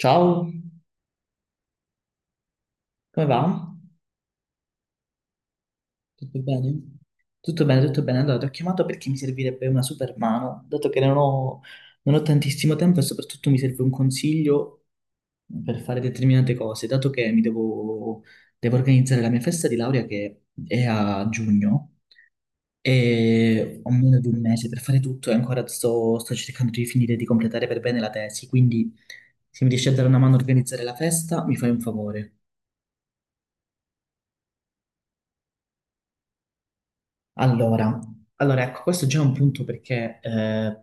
Ciao, come va? Tutto bene? Tutto bene, tutto bene. Allora, ti ho chiamato perché mi servirebbe una super mano, dato che non ho tantissimo tempo e soprattutto mi serve un consiglio per fare determinate cose, dato che devo organizzare la mia festa di laurea che è a giugno e ho meno di un mese per fare tutto e ancora sto cercando di finire di completare per bene la tesi, quindi se mi riesci a dare una mano a organizzare la festa, mi fai un favore. Allora, allora, ecco, questo è già un punto perché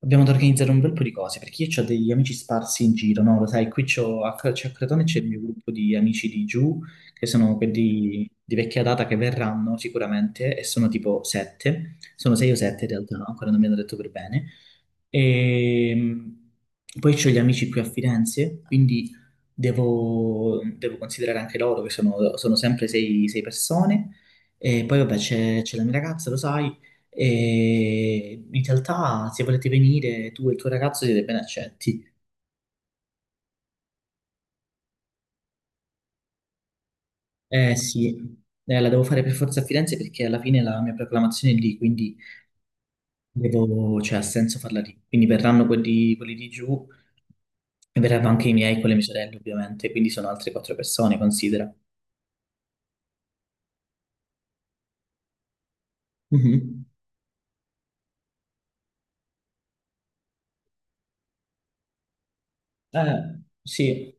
abbiamo da organizzare un bel po' di cose, perché io ho degli amici sparsi in giro, no? Lo sai, qui c'è a Crotone c'è il mio gruppo di amici di giù, che sono quelli di vecchia data che verranno sicuramente, e sono tipo sette, sono sei o sette in realtà, no? Ancora non mi hanno detto per bene, e poi ho gli amici qui a Firenze, quindi devo considerare anche loro, che sono sempre sei persone. E poi vabbè c'è la mia ragazza, lo sai, e in realtà se volete venire tu e il tuo ragazzo siete ben accetti. Eh sì, la devo fare per forza a Firenze perché alla fine la mia proclamazione è lì, quindi devo, cioè, ha senso farla lì. Quindi verranno quelli di giù, e verranno anche i miei con le mie sorelle, ovviamente, quindi sono altre quattro persone, considera. Mhm. Sì,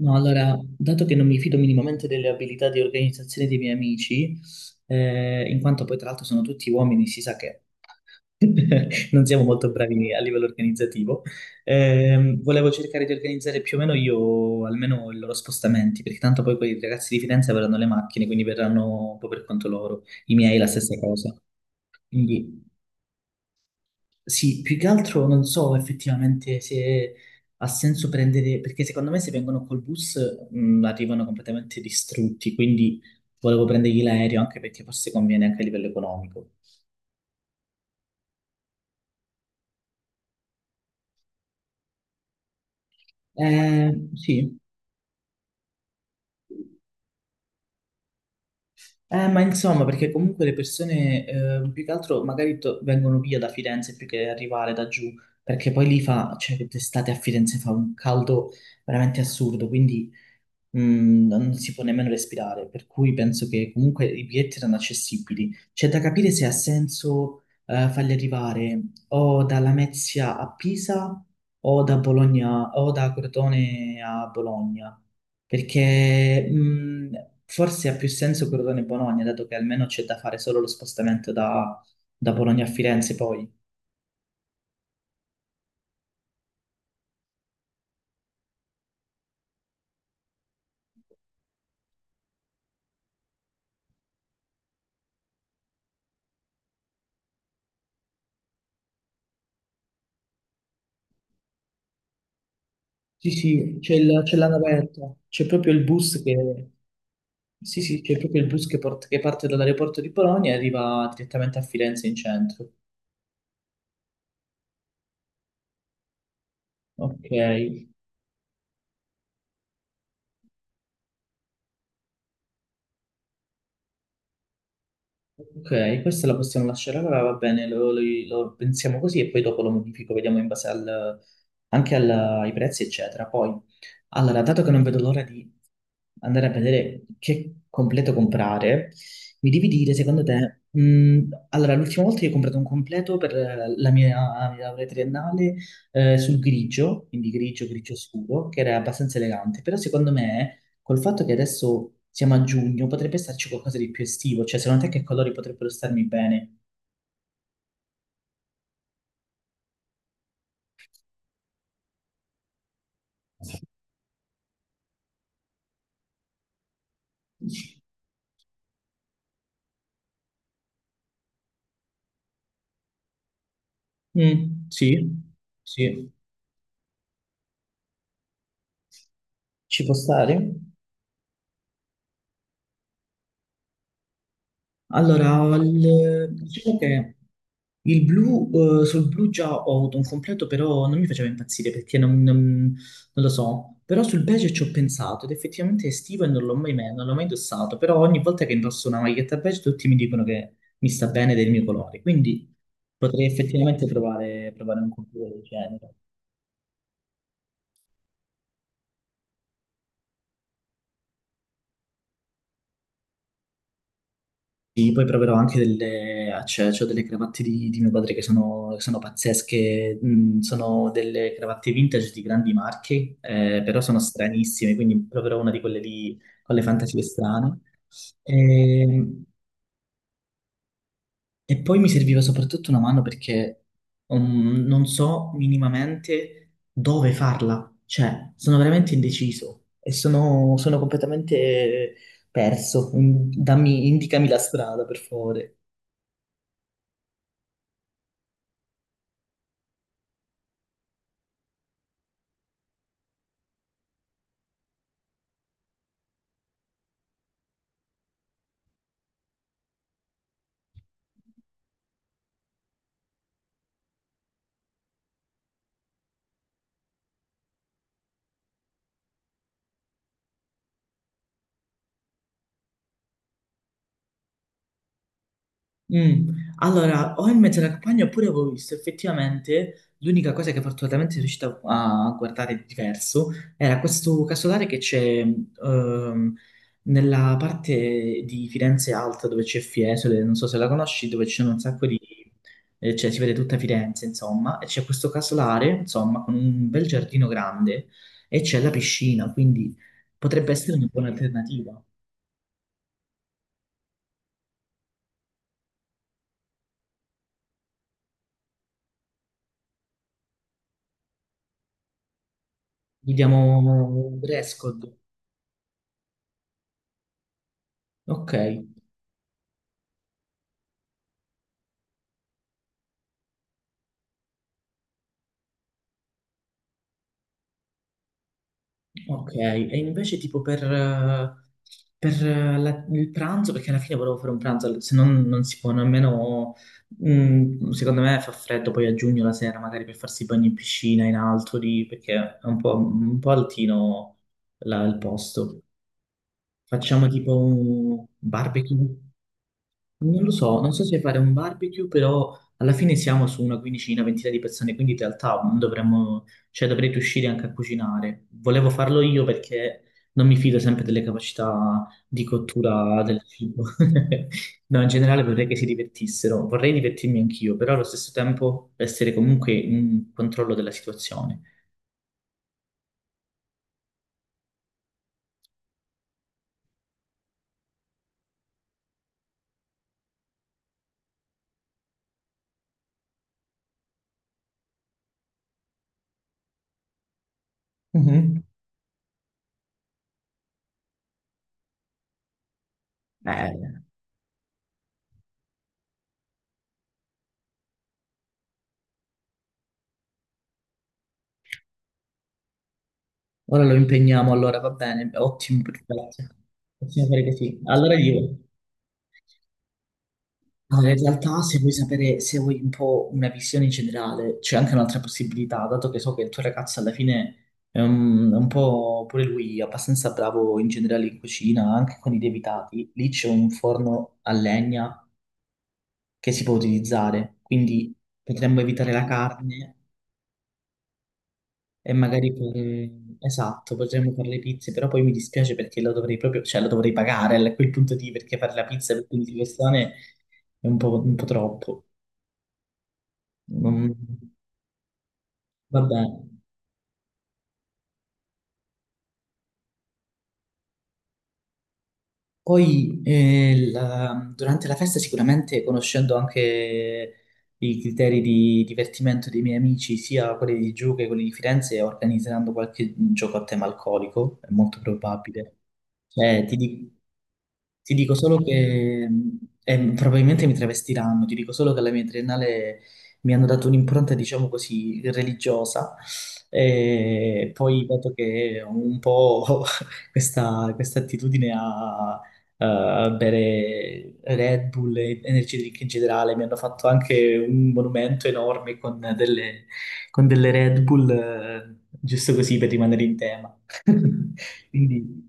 no, allora, dato che non mi fido minimamente delle abilità di organizzazione dei miei amici, in quanto poi tra l'altro sono tutti uomini, si sa che non siamo molto bravi a livello organizzativo, volevo cercare di organizzare più o meno io almeno i loro spostamenti, perché tanto poi quei ragazzi di Firenze avranno le macchine, quindi verranno un po' per conto loro, i miei la stessa cosa. Quindi sì, più che altro non so effettivamente se ha senso prendere, perché secondo me se vengono col bus arrivano completamente distrutti, quindi volevo prendergli l'aereo anche perché forse conviene anche a livello economico. Sì, eh, ma insomma, perché comunque le persone più che altro magari vengono via da Firenze più che arrivare da giù, perché poi lì fa, cioè d'estate a Firenze fa un caldo veramente assurdo, quindi non si può nemmeno respirare, per cui penso che comunque i biglietti erano accessibili. C'è da capire se ha senso farli arrivare o da Lamezia a Pisa o da Bologna o da Crotone a Bologna. Perché forse ha più senso Crotone-Bologna, dato che almeno c'è da fare solo lo spostamento da, da Bologna a Firenze poi. Sì, sì, c'è la navetta, c'è proprio il bus che, sì, sì, c'è proprio il bus che, che parte dall'aeroporto di Bologna e arriva direttamente a Firenze in centro. Ok. Ok, questa la possiamo lasciare allora, va bene, lo pensiamo così e poi dopo lo modifico, vediamo in anche ai prezzi, eccetera. Poi, allora, dato che non vedo l'ora di andare a vedere che completo comprare, mi devi dire, secondo te, allora, l'ultima volta io ho comprato un completo per la mia laurea triennale sul grigio, quindi grigio, grigio scuro, che era abbastanza elegante, però secondo me col fatto che adesso siamo a giugno, potrebbe starci qualcosa di più estivo, cioè secondo te che colori potrebbero starmi bene? Mm, sì, sì, ci può stare? Diciamo che il blu, sul blu già ho avuto un completo, però non mi faceva impazzire perché non lo so. Però sul beige ci ho pensato ed effettivamente è estivo e non l'ho mai indossato. Però ogni volta che indosso una maglietta beige tutti mi dicono che mi sta bene del mio colore, quindi potrei effettivamente provare un completo del genere. Sì, poi proverò anche c'ho delle cravatte di mio padre che sono pazzesche, mm, sono delle cravatte vintage di grandi marche, però sono stranissime, quindi proverò una di quelle lì con le fantasie strane. E, e poi mi serviva soprattutto una mano perché non so minimamente dove farla, cioè sono veramente indeciso e sono completamente perso. Mm, dammi, indicami la strada, per favore. Mm. Allora, o in mezzo alla campagna oppure avevo visto effettivamente l'unica cosa che fortunatamente sono riuscito a guardare di diverso era questo casolare che c'è ehm, nella parte di Firenze Alta dove c'è Fiesole, non so se la conosci, dove c'è un sacco cioè si vede tutta Firenze insomma, e c'è questo casolare insomma con un bel giardino grande e c'è la piscina, quindi potrebbe essere una buona alternativa. Vediamo un dress code. Ok. Ok, e invece tipo per il pranzo, perché alla fine volevo fare un pranzo, se no non si può nemmeno, mm, secondo me fa freddo poi a giugno la sera magari per farsi i bagni in piscina, in alto lì, perché è un po' altino là il posto. Facciamo tipo un barbecue. Non lo so, non so se fare un barbecue, però alla fine siamo su una quindicina, ventina di persone, quindi in realtà non dovremmo, cioè dovrei riuscire anche a cucinare. Volevo farlo io perché non mi fido sempre delle capacità di cottura del cibo. No, in generale vorrei che si divertissero, vorrei divertirmi anch'io, però allo stesso tempo essere comunque in controllo della situazione. Mhm. Bene. Ora lo impegniamo, allora va bene, ottimo, perfetto. Possiamo fare così. Allora io. Allora, in realtà se vuoi sapere, se vuoi un po' una visione in generale, c'è anche un'altra possibilità, dato che so che il tuo ragazzo alla fine è un po' pure lui abbastanza bravo in generale in cucina, anche con i lievitati. Lì c'è un forno a legna che si può utilizzare, quindi potremmo evitare la carne e magari fare... Esatto, potremmo fare le pizze, però poi mi dispiace perché lo dovrei proprio, cioè lo dovrei pagare a quel punto di perché fare la pizza per 15 persone è un po' troppo. Non- Vabbè, poi durante la festa sicuramente conoscendo anche i criteri di divertimento dei miei amici, sia quelli di giù che quelli di Firenze, organizzeranno qualche gioco a tema alcolico, è molto probabile. Cioè, ti dico ti dico solo che probabilmente mi travestiranno, ti dico solo che alla mia triennale mi hanno dato un'impronta, diciamo così, religiosa. E poi, dato che ho un po' questa attitudine a, a bere Red Bull e energy drink in generale, mi hanno fatto anche un monumento enorme con delle Red Bull, giusto così per rimanere in tema. Quindi,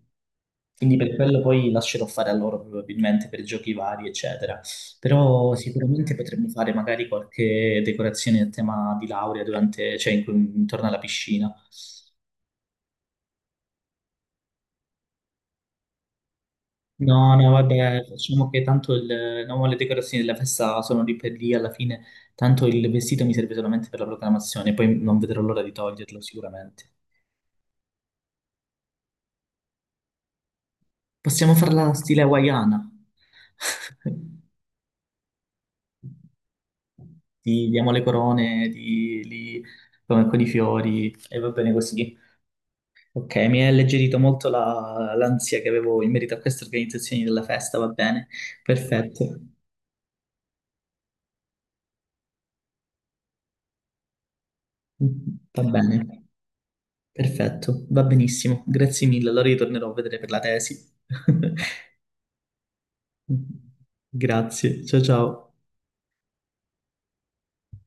quindi per quello poi lascerò fare a loro probabilmente per giochi vari, eccetera. Però sicuramente potremmo fare magari qualche decorazione a tema di laurea durante, cioè intorno alla piscina. No, no, vabbè, facciamo che tanto il, no, le decorazioni della festa sono lì per lì alla fine, tanto il vestito mi serve solamente per la proclamazione, poi non vedrò l'ora di toglierlo sicuramente. Possiamo farla stile hawaiana. Ti diamo le corone, ti, li, come con i fiori e va bene così. Ok, mi ha alleggerito molto l'ansia che avevo in merito a queste organizzazioni della festa, va bene, perfetto, va bene, va benissimo, grazie mille, allora ritornerò a vedere per la tesi. Grazie, ciao ciao.